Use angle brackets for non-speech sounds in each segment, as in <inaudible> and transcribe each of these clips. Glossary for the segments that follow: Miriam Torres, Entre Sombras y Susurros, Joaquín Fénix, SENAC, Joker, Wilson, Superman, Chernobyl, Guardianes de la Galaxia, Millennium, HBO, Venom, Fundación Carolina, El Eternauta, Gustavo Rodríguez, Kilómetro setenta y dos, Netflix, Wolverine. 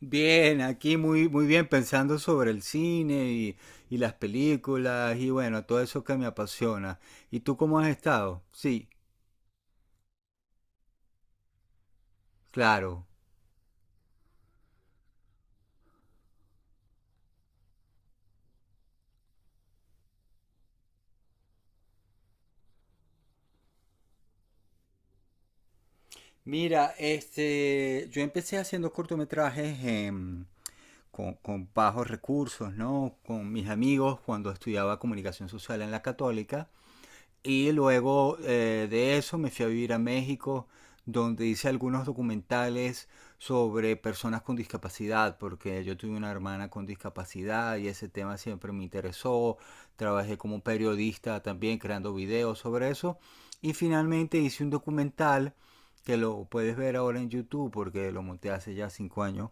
Bien, aquí muy, muy bien pensando sobre el cine y las películas y bueno, todo eso que me apasiona. ¿Y tú cómo has estado? Sí, claro. Mira, este, yo empecé haciendo cortometrajes con bajos recursos, ¿no? Con mis amigos cuando estudiaba comunicación social en la Católica. Y luego de eso me fui a vivir a México, donde hice algunos documentales sobre personas con discapacidad, porque yo tuve una hermana con discapacidad y ese tema siempre me interesó. Trabajé como periodista también creando videos sobre eso. Y finalmente hice un documental que lo puedes ver ahora en YouTube porque lo monté hace ya 5 años,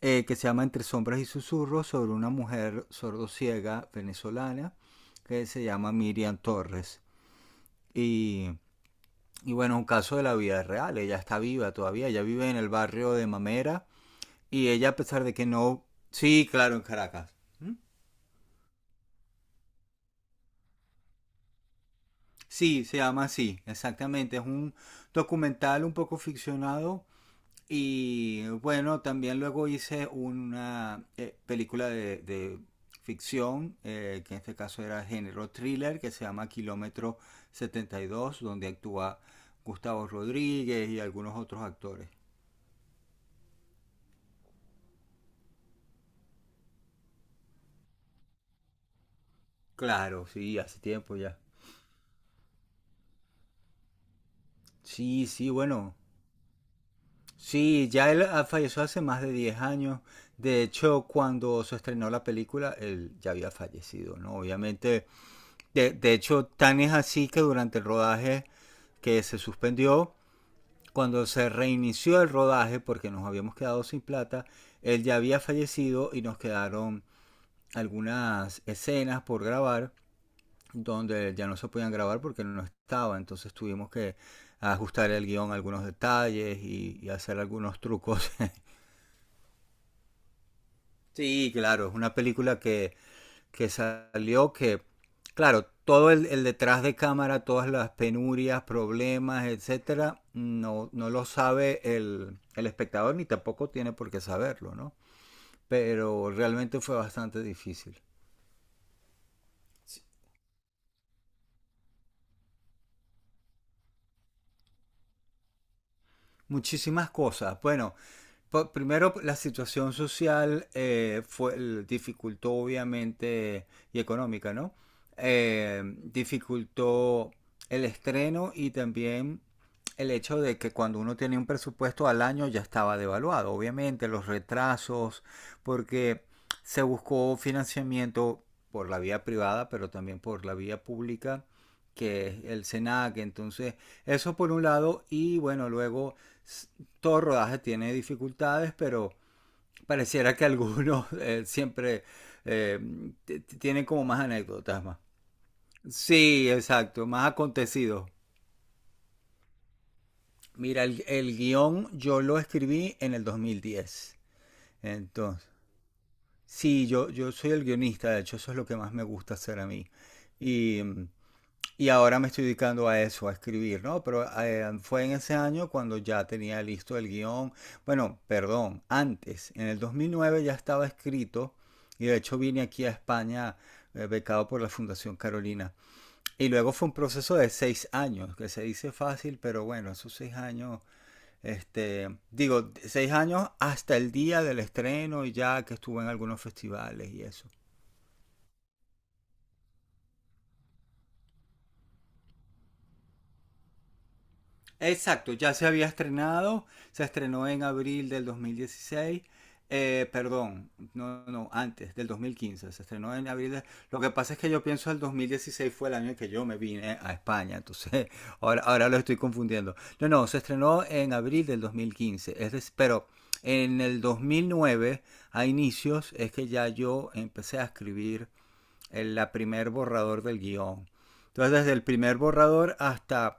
que se llama Entre Sombras y Susurros sobre una mujer sordociega venezolana que se llama Miriam Torres. Y, y bueno, un caso de la vida real. Ella está viva todavía. Ella vive en el barrio de Mamera. Y ella, a pesar de que no. Sí, claro, en Caracas. ¿Mm? Sí, se llama así, exactamente. Es un documental un poco ficcionado. Y bueno, también luego hice una película de ficción, que en este caso era género thriller, que se llama Kilómetro 72, donde actúa Gustavo Rodríguez y algunos otros actores. Claro, sí, hace tiempo ya. Sí, sí, bueno. Sí, ya él falleció hace más de 10 años. De hecho, cuando se estrenó la película, él ya había fallecido, ¿no? Obviamente, de hecho, tan es así que durante el rodaje que se suspendió, cuando se reinició el rodaje, porque nos habíamos quedado sin plata, él ya había fallecido y nos quedaron algunas escenas por grabar, donde ya no se podían grabar porque no estaba. Entonces tuvimos que ajustar el guión a algunos detalles y hacer algunos trucos. <laughs> Sí, claro, es una película que salió que, claro, todo el detrás de cámara, todas las penurias, problemas, etcétera, no lo sabe el espectador ni tampoco tiene por qué saberlo, ¿no? Pero realmente fue bastante difícil. Muchísimas cosas. Bueno, primero, pues, la situación social fue, dificultó obviamente, y económica, ¿no? Dificultó el estreno y también el hecho de que cuando uno tenía un presupuesto al año ya estaba devaluado, obviamente, los retrasos, porque se buscó financiamiento por la vía privada, pero también por la vía pública, que es el SENAC. Entonces, eso por un lado, y bueno, luego s- todo rodaje tiene dificultades, pero pareciera que algunos <laughs> siempre eh, tienen como más anécdotas más. Sí, exacto, más acontecidos. Mira, el guión yo lo escribí en el 2010. Entonces, sí, yo soy el guionista. De hecho, eso es lo que más me gusta hacer a mí. Y mm, Y ahora me estoy dedicando a eso, a escribir, ¿no? Pero fue en ese año cuando ya tenía listo el guión. Bueno, perdón, antes, en el 2009 ya estaba escrito y de hecho vine aquí a España becado por la Fundación Carolina. Y luego fue un proceso de 6 años, que se dice fácil, pero bueno, esos 6 años, este, digo, 6 años hasta el día del estreno y ya que estuve en algunos festivales y eso. Exacto, ya se había estrenado, se estrenó en abril del 2016, perdón, no, no, antes del 2015, se estrenó en abril. Lo que pasa es que yo pienso el 2016 fue el año en que yo me vine a España, entonces <laughs> ahora lo estoy confundiendo. No, no, se estrenó en abril del 2015, pero en el 2009, a inicios, es que ya yo empecé a escribir el la primer borrador del guión. Entonces, desde el primer borrador hasta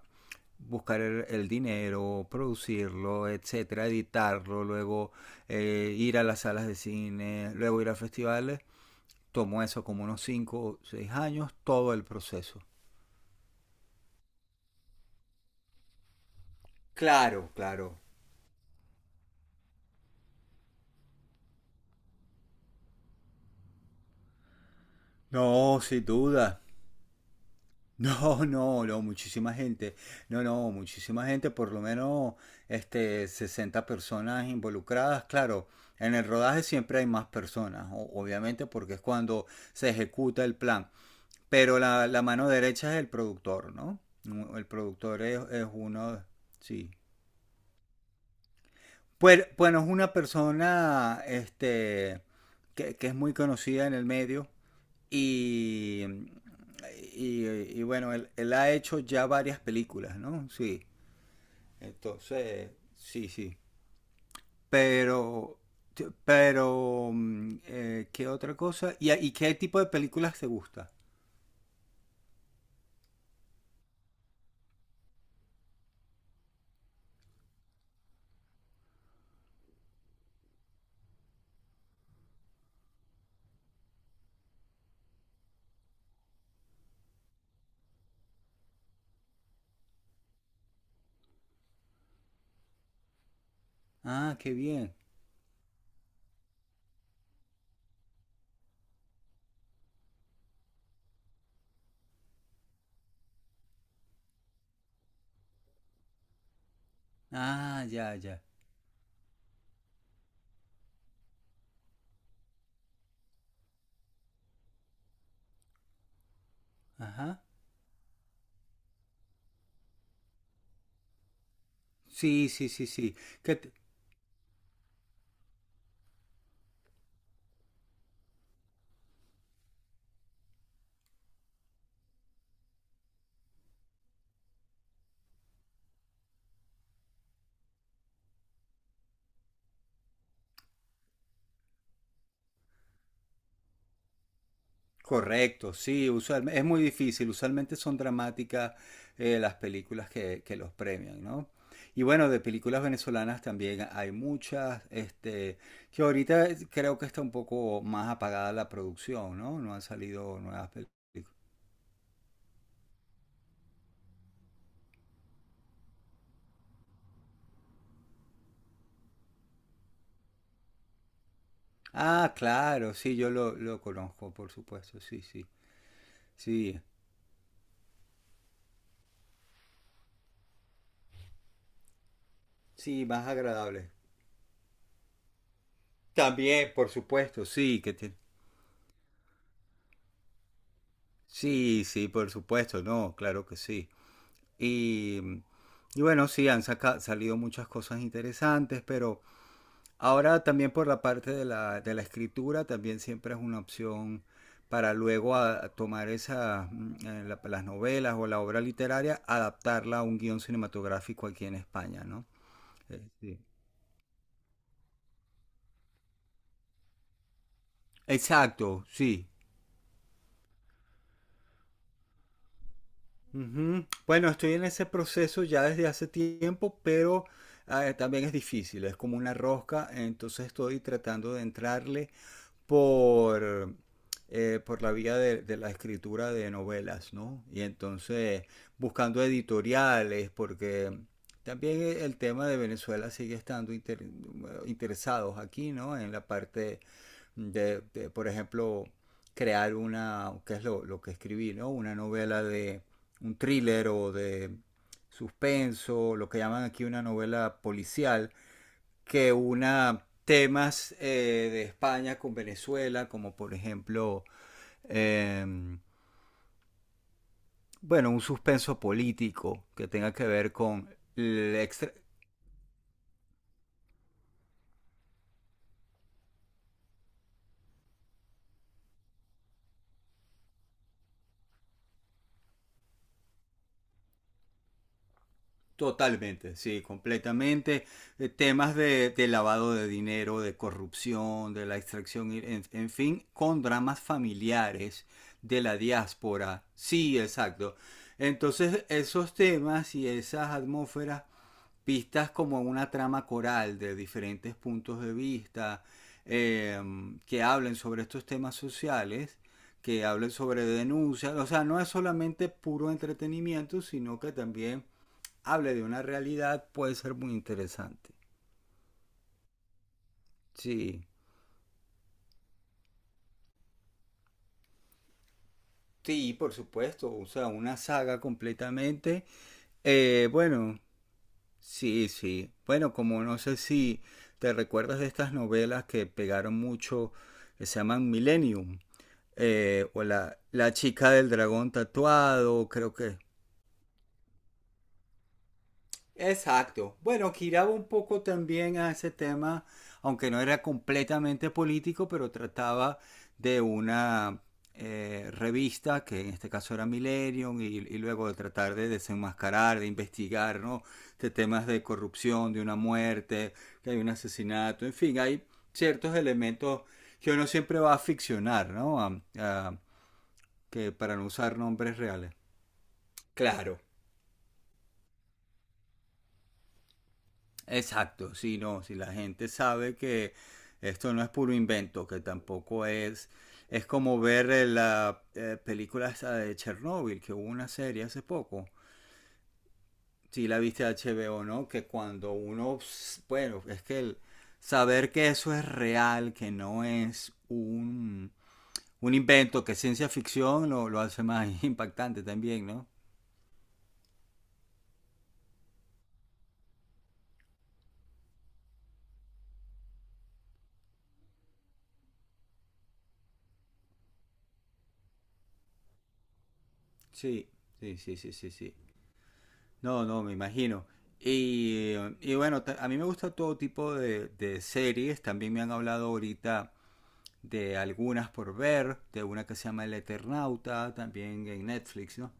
buscar dinero, producirlo, etcétera, editarlo, luego ir a las salas de cine, luego ir a festivales, tomó eso como unos 5 o 6 años, todo el proceso. Claro, claro. No, sin duda. <laughs> No, no, no, muchísima gente. No, no, muchísima gente, por lo menos este, 60 personas involucradas. Claro, en el rodaje siempre hay más personas, obviamente, porque es cuando se ejecuta el plan. Pero la mano derecha es el productor, ¿no? El productor es uno, sí. Pues, bueno, es una persona este, que es muy conocida en el medio y, y, y bueno, él ha hecho ya varias películas, ¿no? Sí, entonces, sí, sí. Pero, pero, ¿qué otra cosa? ¿Y qué tipo de películas te gusta? Ah, qué bien. Ah, ya, ya. Ajá. Sí, sí, sí, sí. Correcto, sí, usualmente, es muy difícil, usualmente son dramáticas las películas que los premian, ¿no? Y bueno, de películas venezolanas también hay muchas, este, que ahorita creo que está un poco más apagada la producción, ¿no? No han salido nuevas películas. Ah, claro, sí, yo lo conozco, por supuesto, sí, sí, sí, sí, más agradable. También, por supuesto, sí, sí, sí, por supuesto, no, claro que sí. Y, mm, y bueno, sí, han salido muchas cosas interesantes, pero ahora también por la parte de la escritura también siempre es una opción para luego a tomar esas, las novelas o la obra literaria, adaptarla a un guión cinematográfico aquí en España, ¿no? Sí. Exacto, sí. Ujú. Bueno, estoy en ese proceso ya desde hace tiempo, pero también es difícil, es como una rosca, entonces estoy tratando de entrarle por, por la vía de la escritura de novelas, ¿no? Y entonces buscando editoriales, porque también el tema de Venezuela sigue estando interesados aquí, ¿no? En la parte de, por ejemplo, crear una, que es lo que escribí, ¿no? Una novela de un thriller o de suspenso, lo que llaman aquí una novela policial, que una temas de España con Venezuela, como por ejemplo, eh, bueno, un suspenso político que tenga que ver con el extra- totalmente, sí, completamente. Temas de lavado de dinero, de corrupción, de la extracción, en fin, con dramas familiares de la diáspora. Sí, exacto. Entonces, esos temas y esas atmósferas pistas como una trama coral de diferentes puntos de vista eh, que hablen sobre estos temas sociales, que hablen sobre denuncias, o sea, no es solamente puro entretenimiento, sino que también hable de una realidad, puede ser muy interesante. Sí. Sí, por supuesto, o sea, una saga completamente. Bueno, sí, sí. Bueno, como no sé si te recuerdas de estas novelas que pegaron mucho, que se llaman Millennium, o la chica del dragón tatuado, creo que exacto. Bueno, giraba un poco también a ese tema, aunque no era completamente político, pero trataba de una revista, que en este caso era Millennium, y luego de tratar de desenmascarar, de investigar, ¿no? De temas de corrupción, de una muerte, que hay un asesinato, en fin, hay ciertos elementos que uno siempre va a ficcionar, ¿no? Que para no usar nombres reales. Claro. Exacto, sí, no, si la gente sabe que esto no es puro invento, que tampoco es como ver la película esa de Chernobyl, que hubo una serie hace poco, si la viste de HBO, ¿no? Que cuando uno, bueno, es que el saber que eso es real, que no es un invento, que es ciencia ficción, lo hace más <laughs> impactante también, ¿no? Sí, sí, sí, sí, sí, sí. No, no, me imagino. Y bueno, a mí me gusta todo tipo de series. También me han hablado ahorita de algunas por ver, de una que se llama El Eternauta, también en Netflix, ¿no?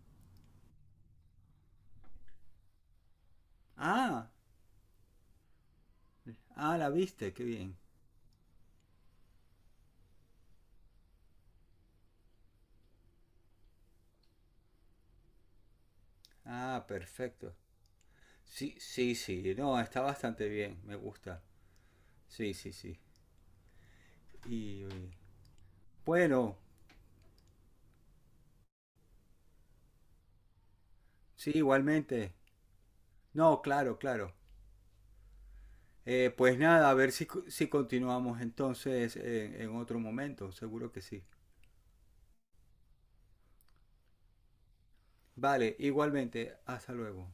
Ah, ah, la viste, qué bien. Ah, perfecto. Sí, sí, sí, no, está bastante bien, me gusta. Sí, sí, sí. Y bueno, sí, igualmente. No, claro, claro. Pues nada, a ver si continuamos entonces en otro momento, seguro que sí. Vale, igualmente, hasta luego.